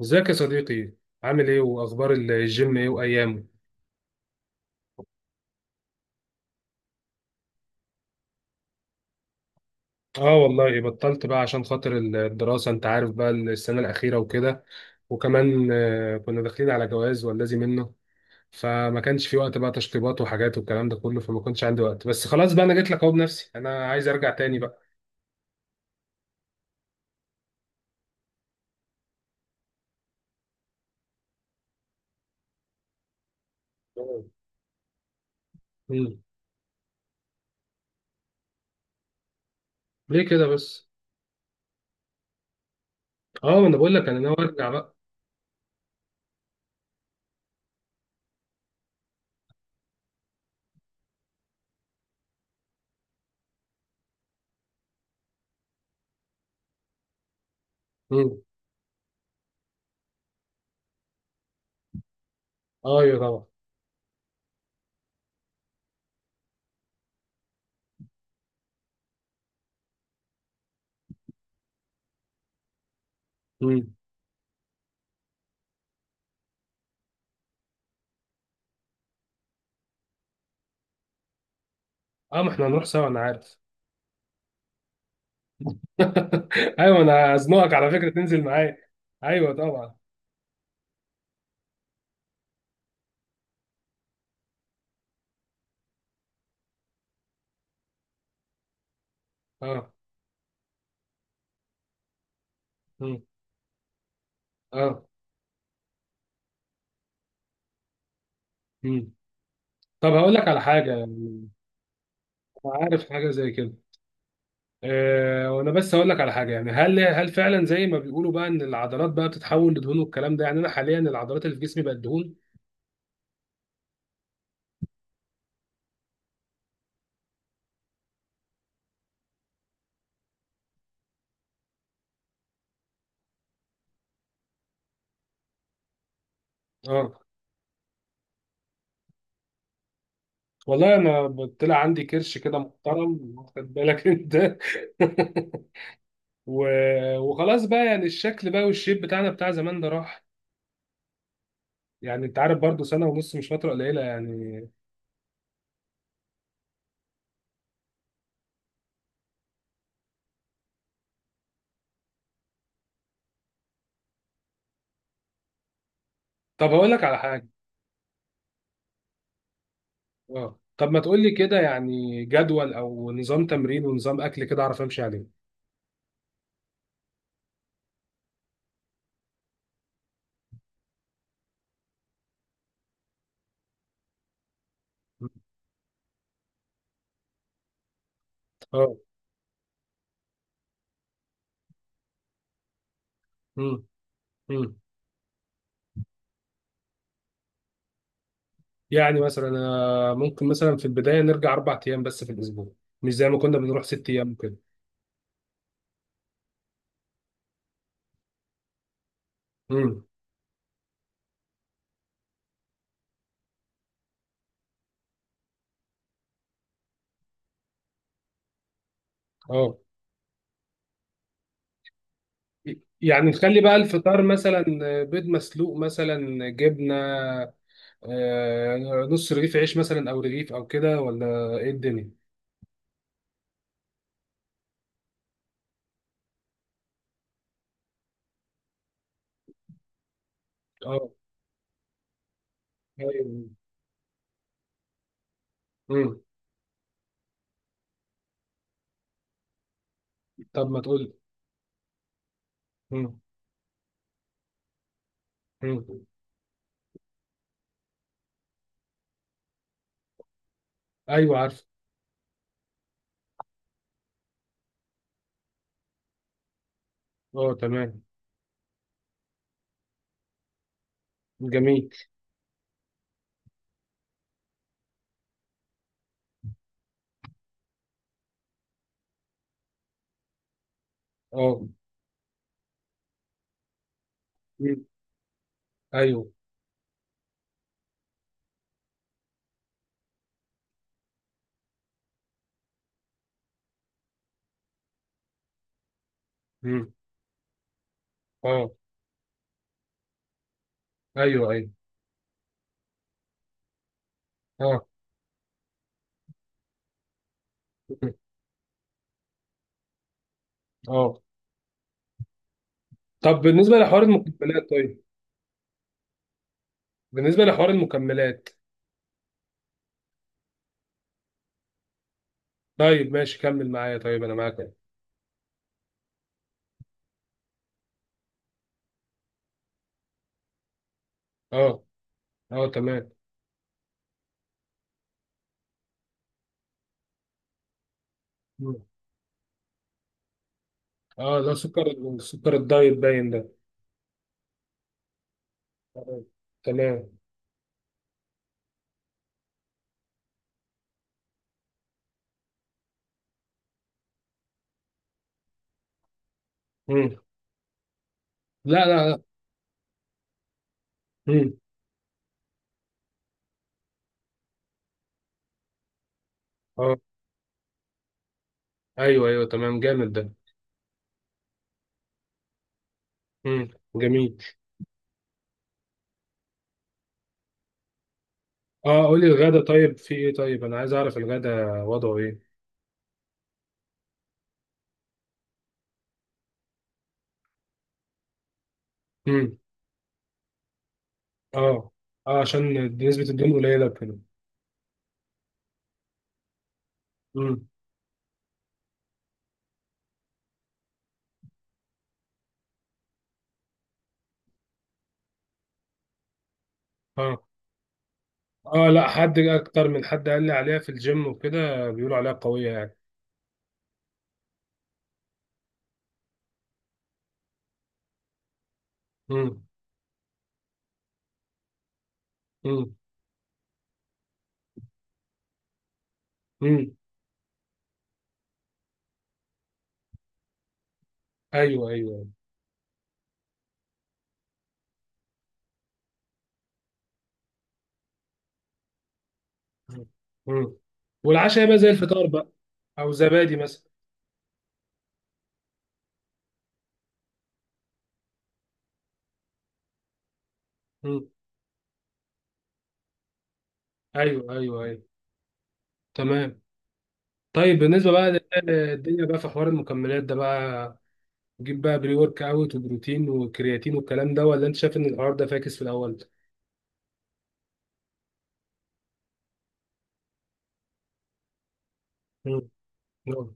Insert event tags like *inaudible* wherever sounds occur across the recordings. ازيك يا صديقي؟ عامل ايه واخبار الجيم ايه وايامه؟ اه والله بطلت بقى عشان خاطر الدراسة، انت عارف بقى السنة الأخيرة وكده. وكمان كنا داخلين على جواز والذي منه. فما كانش في وقت بقى تشطيبات وحاجات والكلام ده كله، فما كنتش عندي وقت. بس خلاص بقى انا جيت لك اهو بنفسي، انا عايز ارجع تاني بقى. مم. ليه كده بس؟ اه، ما انا بقول لك انا ناوي ارجع بقى. مم. ايوه، طبعا. مم. اه، ما احنا هنروح سوا انا عارف. *laughs* ايوه، انا هزنقك على فكرة تنزل معايا. ايوه، طبعا. اه. مم. اه. مم. طب هقول لك على حاجه يعني. انا عارف حاجه زي كده. وانا بس هقول لك على حاجه، يعني هل فعلا زي ما بيقولوا بقى ان العضلات بقى بتتحول لدهون والكلام ده؟ يعني انا حاليا العضلات اللي في جسمي بقت دهون؟ اه والله، انا طلع عندي كرش كده محترم، واخد بالك انت؟ *laughs* و... وخلاص بقى، يعني الشكل بقى والشيب بتاعنا بتاع زمان ده راح. يعني انت عارف برضو، سنه ونص مش فتره قليله يعني. طب هقول لك على حاجه. اه، طب ما تقول لي كده يعني جدول او نظام تمرين ونظام اكل كده اعرف امشي عليه. اه. امم. امم. يعني مثلا ممكن مثلا في البدايه نرجع 4 ايام بس في الاسبوع. مش زي ما كنا بنروح 6 ايام كده. امم. اه. يعني نخلي بقى الفطار مثلا بيض مسلوق، مثلا جبنه، آه، نص رغيف عيش، مثلا او رغيف او كده، ولا ايه الدنيا؟ اه. ايوه. امم. طب ما تقول. امم. امم. ايوه، عارف. اه، تمام. جميل. اه. مم. ايوه. مم. اه. ايوه، ايوه. اه. مم. اه، طب بالنسبه لحوار المكملات طيب. بالنسبه لحوار المكملات. طيب ماشي، كمل معايا، طيب انا معاك أهو. اه. اه، تمام. مم. اه، ده سكر. سكر الدايت باين ده. آه. تمام. مم. لا، لا، لا. مم. اه، ايوه، ايوه، تمام، جامد ده. مم. جميل. اه، قولي الغدا طيب، في ايه؟ طيب انا عايز اعرف الغدا وضعه ايه؟ مم. اه. اه، عشان نسبه الدهون قليله كده. مم. اه. اه، لا حد اكتر من حد قال لي عليها في الجيم وكده، بيقولوا عليها قويه يعني. امم. امم. امم. ايوه، ايوه. امم. والعشاء يبقى زي الفطار بقى؟ او زبادي مثلا. امم. ايوه، ايوه، ايوه. تمام. طيب بالنسبه بقى للدنيا بقى، في حوار المكملات ده بقى، جيب بقى بري ورك اوت وبروتين وكرياتين والكلام ده، ولا انت شايف ان الحوار ده فاكس في الاول؟ امم. اه.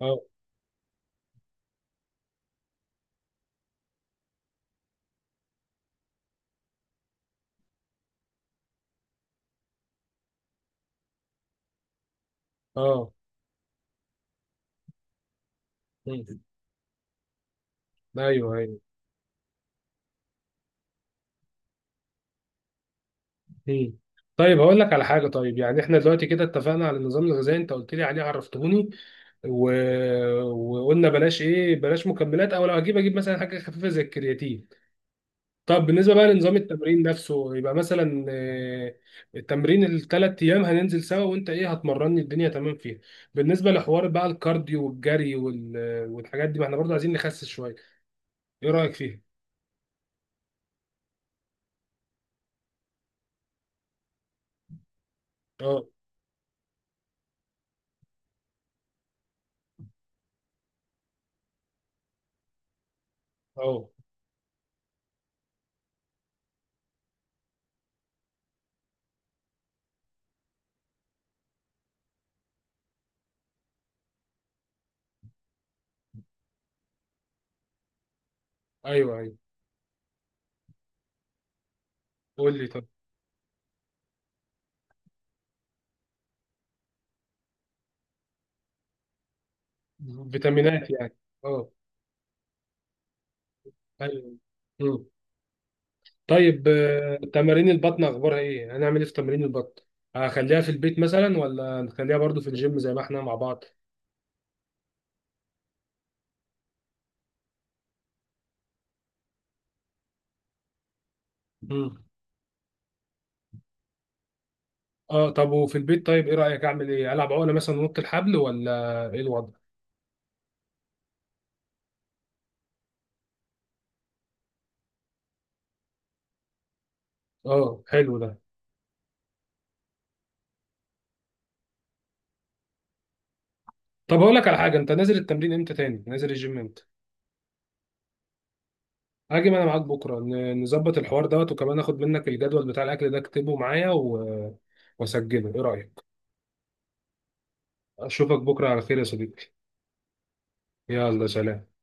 اه. آه. مم. ايوه، ايوه. مم. طيب هقول لك على حاجه طيب، يعني احنا دلوقتي كده اتفقنا على النظام الغذائي، انت قلت لي عليه عرفتهوني. و... وقلنا بلاش ايه، بلاش مكملات، او لو هجيب اجيب مثلا حاجه خفيفه زي الكرياتين. طب بالنسبه بقى لنظام التمرين نفسه، يبقى مثلا التمرين ال3 ايام هننزل سوا، وانت ايه هتمرني، الدنيا تمام فيها؟ بالنسبه لحوار بقى الكارديو والجري والحاجات دي، ما احنا برضه عايزين نخسس شويه. ايه رايك فيها؟ اه. اه. ايوه، ايوه. قول لي طب. فيتامينات يعني؟ اه. ايوه. طيب تمارين البطن اخبارها ايه؟ هنعمل ايه في تمارين البطن؟ هخليها في البيت مثلا، ولا نخليها برضو في الجيم زي ما احنا مع بعض؟ مم. اه. طب وفي البيت طيب، ايه رايك؟ اعمل ايه؟ العب عقله مثلا ونط الحبل، ولا ايه الوضع؟ اه، حلو ده. طب هقول لك على حاجه، انت نازل التمرين امتى؟ تاني نازل الجيم امتى؟ هاجي انا معاك بكره، نظبط الحوار دوت، وكمان اخد منك الجدول بتاع الاكل ده اكتبه معايا واسجله، ايه رايك؟ اشوفك بكره على خير يا صديقي. يلا سلام.